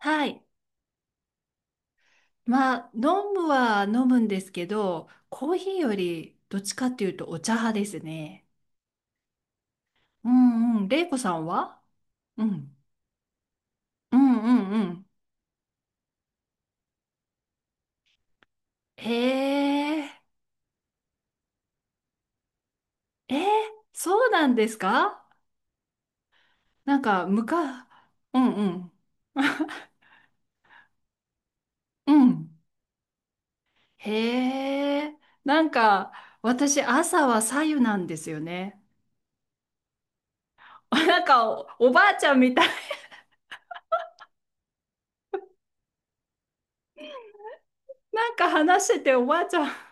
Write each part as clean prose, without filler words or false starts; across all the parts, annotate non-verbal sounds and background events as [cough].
はい。まあ、飲むは飲むんですけど、コーヒーよりどっちかっていうとお茶派ですね。うんうん。れいこさんは？うん。うんうんうん。へえ。えー、そうなんですか？なんか、うんうん。[laughs] うん。へえ。なんか、私、朝は白湯なんですよね。[laughs] なんかおばあちゃんみたい。なんか話してておばあちゃん。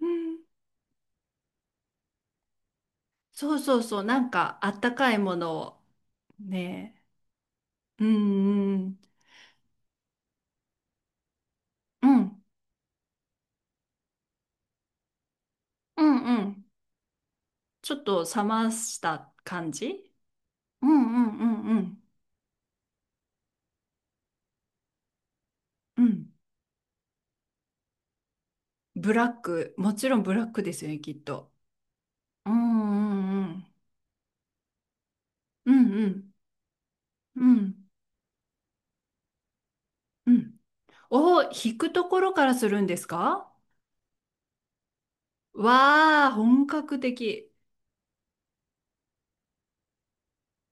うん。そうそうそう、なんかあったかいものをね、うんうん、うんうんうん、ちょっと冷ました感じ。うんうんうんうんうん。ブラック、もちろんブラックですよね、きっと。うんうんうん、うんうんうんうん。引くところからするんですか？わあ、本格的。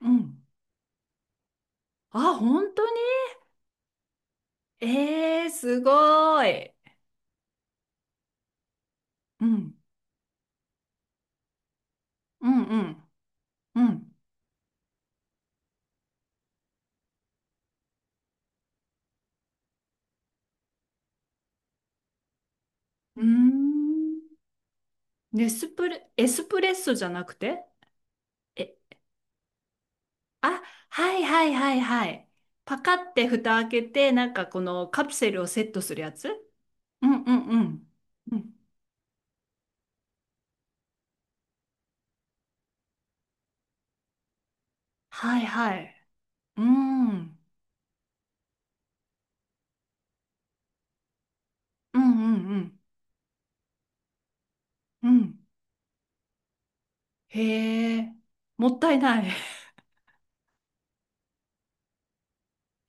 うん。あ、本当に？えー、すごい。うんうんうんうん。うーん。ネスプレ、エスプレッソじゃなくて？え、あ、はいはいはいはい。パカって蓋開けて、なんかこのカプセルをセットするやつ？うんうんうん。うん。はいはい。うん。うんうんうんうん。へえ。もったいない。[laughs]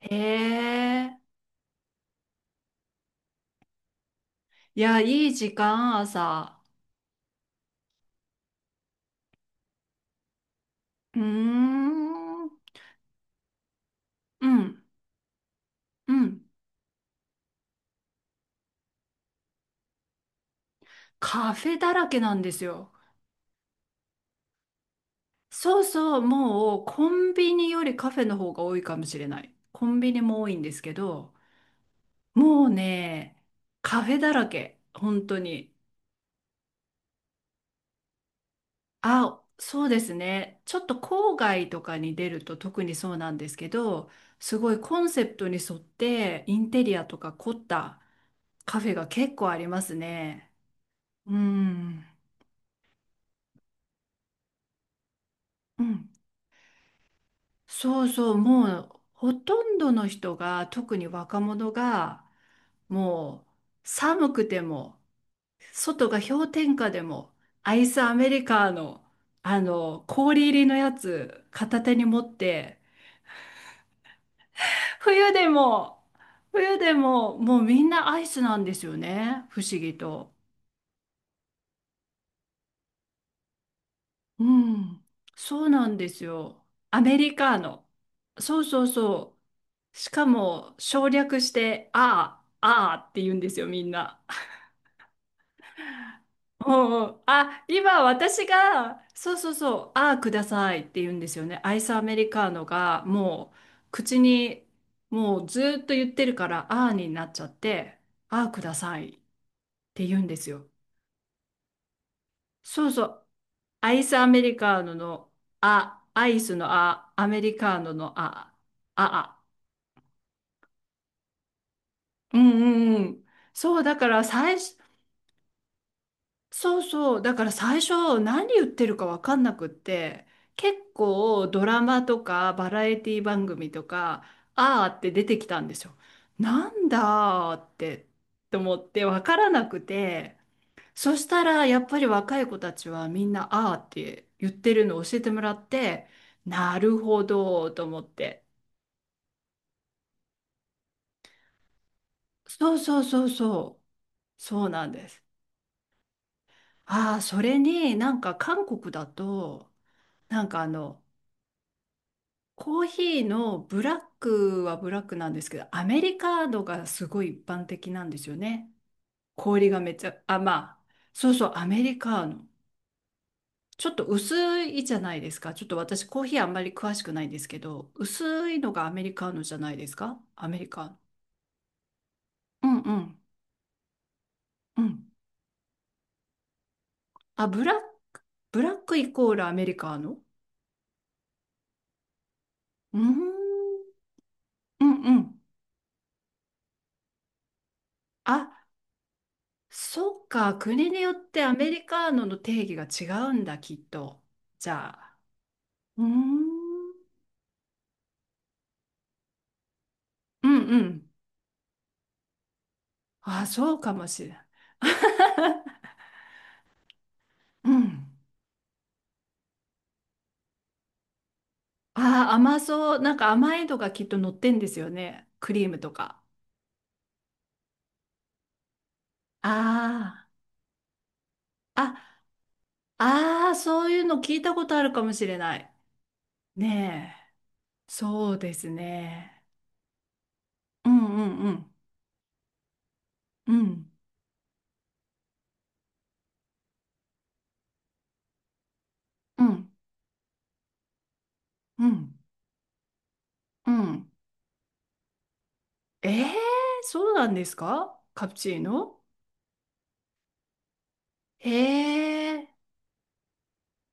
へえ。いや、いい時間、朝。うーん。うん。うん。カフェだらけなんですよ。そうそう、もうコンビニよりカフェの方が多いかもしれない。コンビニも多いんですけど、もうね、カフェだらけ、本当に。あ、そうですね。ちょっと郊外とかに出ると特にそうなんですけど、すごいコンセプトに沿ってインテリアとか凝ったカフェが結構ありますね。うん。うん。そうそう、もうほとんどの人が、特に若者が、もう寒くても、外が氷点下でもアイスアメリカーの、あの氷入りのやつ片手に持って、冬でも、冬でももうみんなアイスなんですよね、不思議と。うん。そうなんですよ、アメリカーノ。そうそうそう、しかも省略してああああって言うんですよ、みんな。うんうん、あ、今私が、そうそうそう、ああ、くださいって言うんですよね。アイスアメリカーノがもう口に、もうずーっと言ってるから、ああになっちゃって、ああ、くださいって言うんですよ。そうそう、アイスアメリカーノのあ、アイスのあ、アメリカーノのあ、あ、あ。うんうんうん。そう、だから最初、そうそう。だから最初何言ってるかわかんなくって、結構ドラマとかバラエティ番組とか、あーって出てきたんですよ。なんだーって、と思ってわからなくて、そしたらやっぱり若い子たちはみんなあーって言ってるのを教えてもらって、なるほどーと思って。そうそうそうそう。そうなんです。ああ、それになんか韓国だと、なんかあの、コーヒーのブラックはブラックなんですけど、アメリカードがすごい一般的なんですよね。氷がめっちゃ、あ、まあ、そうそう、アメリカーノ。ちょっと薄いじゃないですか。ちょっと私、コーヒーあんまり詳しくないんですけど、薄いのがアメリカーノじゃないですか。アメリカーノ。うんうんうん。あ、ブラック、ブラックイコールアメリカーノ？うーん、うんうん。あ、そっか。国によってアメリカーノの定義が違うんだ、きっと。じゃあ。うーん。うんうん。あ、そうかもしれない。 [laughs] うん。あ、甘そう。なんか甘いのがきっと乗ってんですよね。クリームとか。ああ。あ、ああ、そういうの聞いたことあるかもしれない。ねえ。そうですね。うんうんうん。うんうんうんうん。ええ、そうなんですか、カプチーノ？へ。え。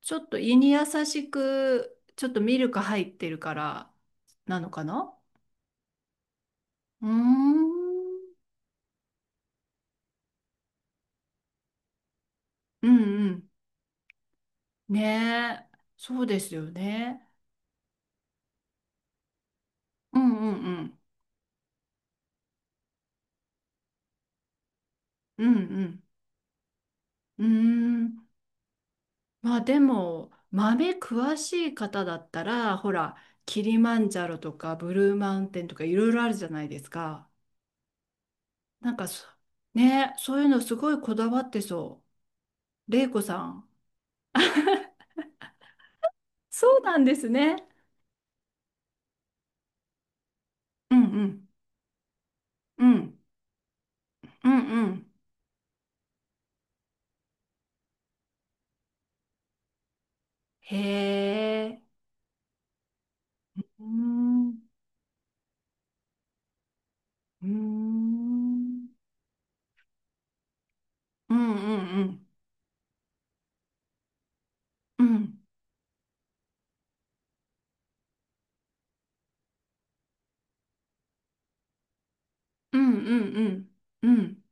ちょっと胃に優しく、ちょっとミルク入ってるからなのかな？うーん。うんうん。ねえ。そうですよね。うんうんうん。うんうん。うーん。まあでも、豆詳しい方だったら、ほら、キリマンジャロとかブルーマウンテンとかいろいろあるじゃないですか。なんかねえ、そういうのすごいこだわってそう。玲子さん。そうなんですね。うんうん。うん。うんうん。へえ。うーん、うーん、うんうんうん。うんうんうんうん。うん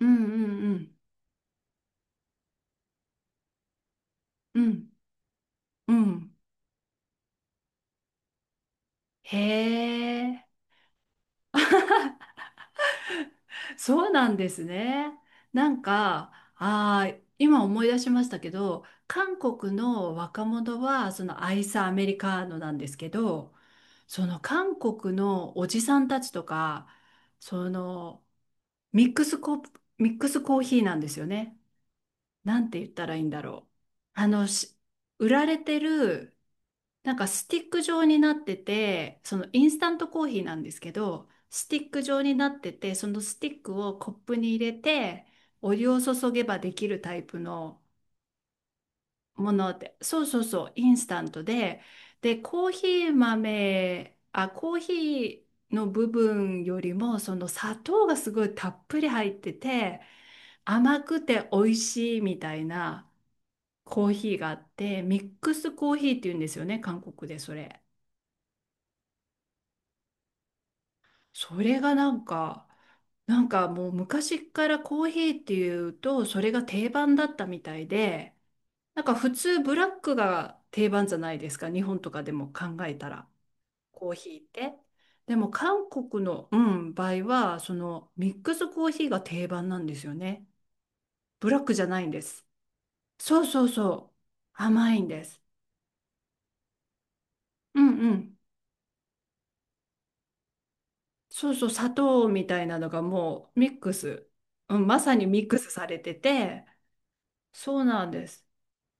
うんうんうんうんうん。へえ。そうなんですね。なんか、今思い出しましたけど、韓国の若者は、そのアイスアメリカーノなんですけど、その韓国のおじさんたちとか、そのミックスコ、ミックスコーヒーなんですよね。なんて言ったらいいんだろう。あの、し売られてる、なんかスティック状になってて、そのインスタントコーヒーなんですけど、スティック状になってて、そのスティックをコップに入れて、お湯を注げばできるタイプのもので、そうそうそう、インスタントで、で、コーヒー豆、あ、コーヒーの部分よりも、その砂糖がすごいたっぷり入ってて、甘くて美味しいみたいな、コーヒーがあって、ミックスコーヒーって言うんですよね、韓国でそれ。それがなんか、もう昔からコーヒーっていうと、それが定番だったみたいで、なんか普通ブラックが定番じゃないですか、日本とかでも考えたら、コーヒーって。でも韓国の、うん、場合は、そのミックスコーヒーが定番なんですよね。ブラックじゃないんです。そうそうそう。甘いんです。うんうん。そうそう、砂糖みたいなのがもうミックス、うん、まさにミックスされてて、そうなんです。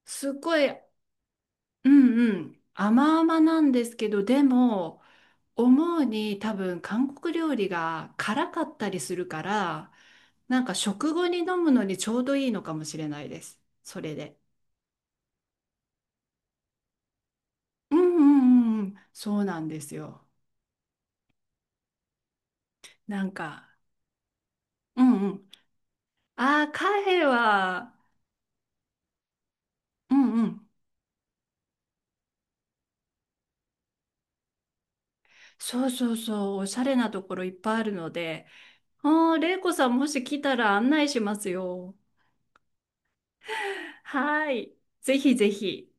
すっごい、うんうん、甘々なんですけど、でも、思うに多分韓国料理が辛かったりするから、なんか食後に飲むのにちょうどいいのかもしれないです。それで。うんうんうんうん、そうなんですよ。なんか、うんうん。ああ、カフェは、うんうん。そうそうそう、おしゃれなところいっぱいあるので、ああ、玲子さんもし来たら案内しますよ。[laughs] はい。ぜひぜひ。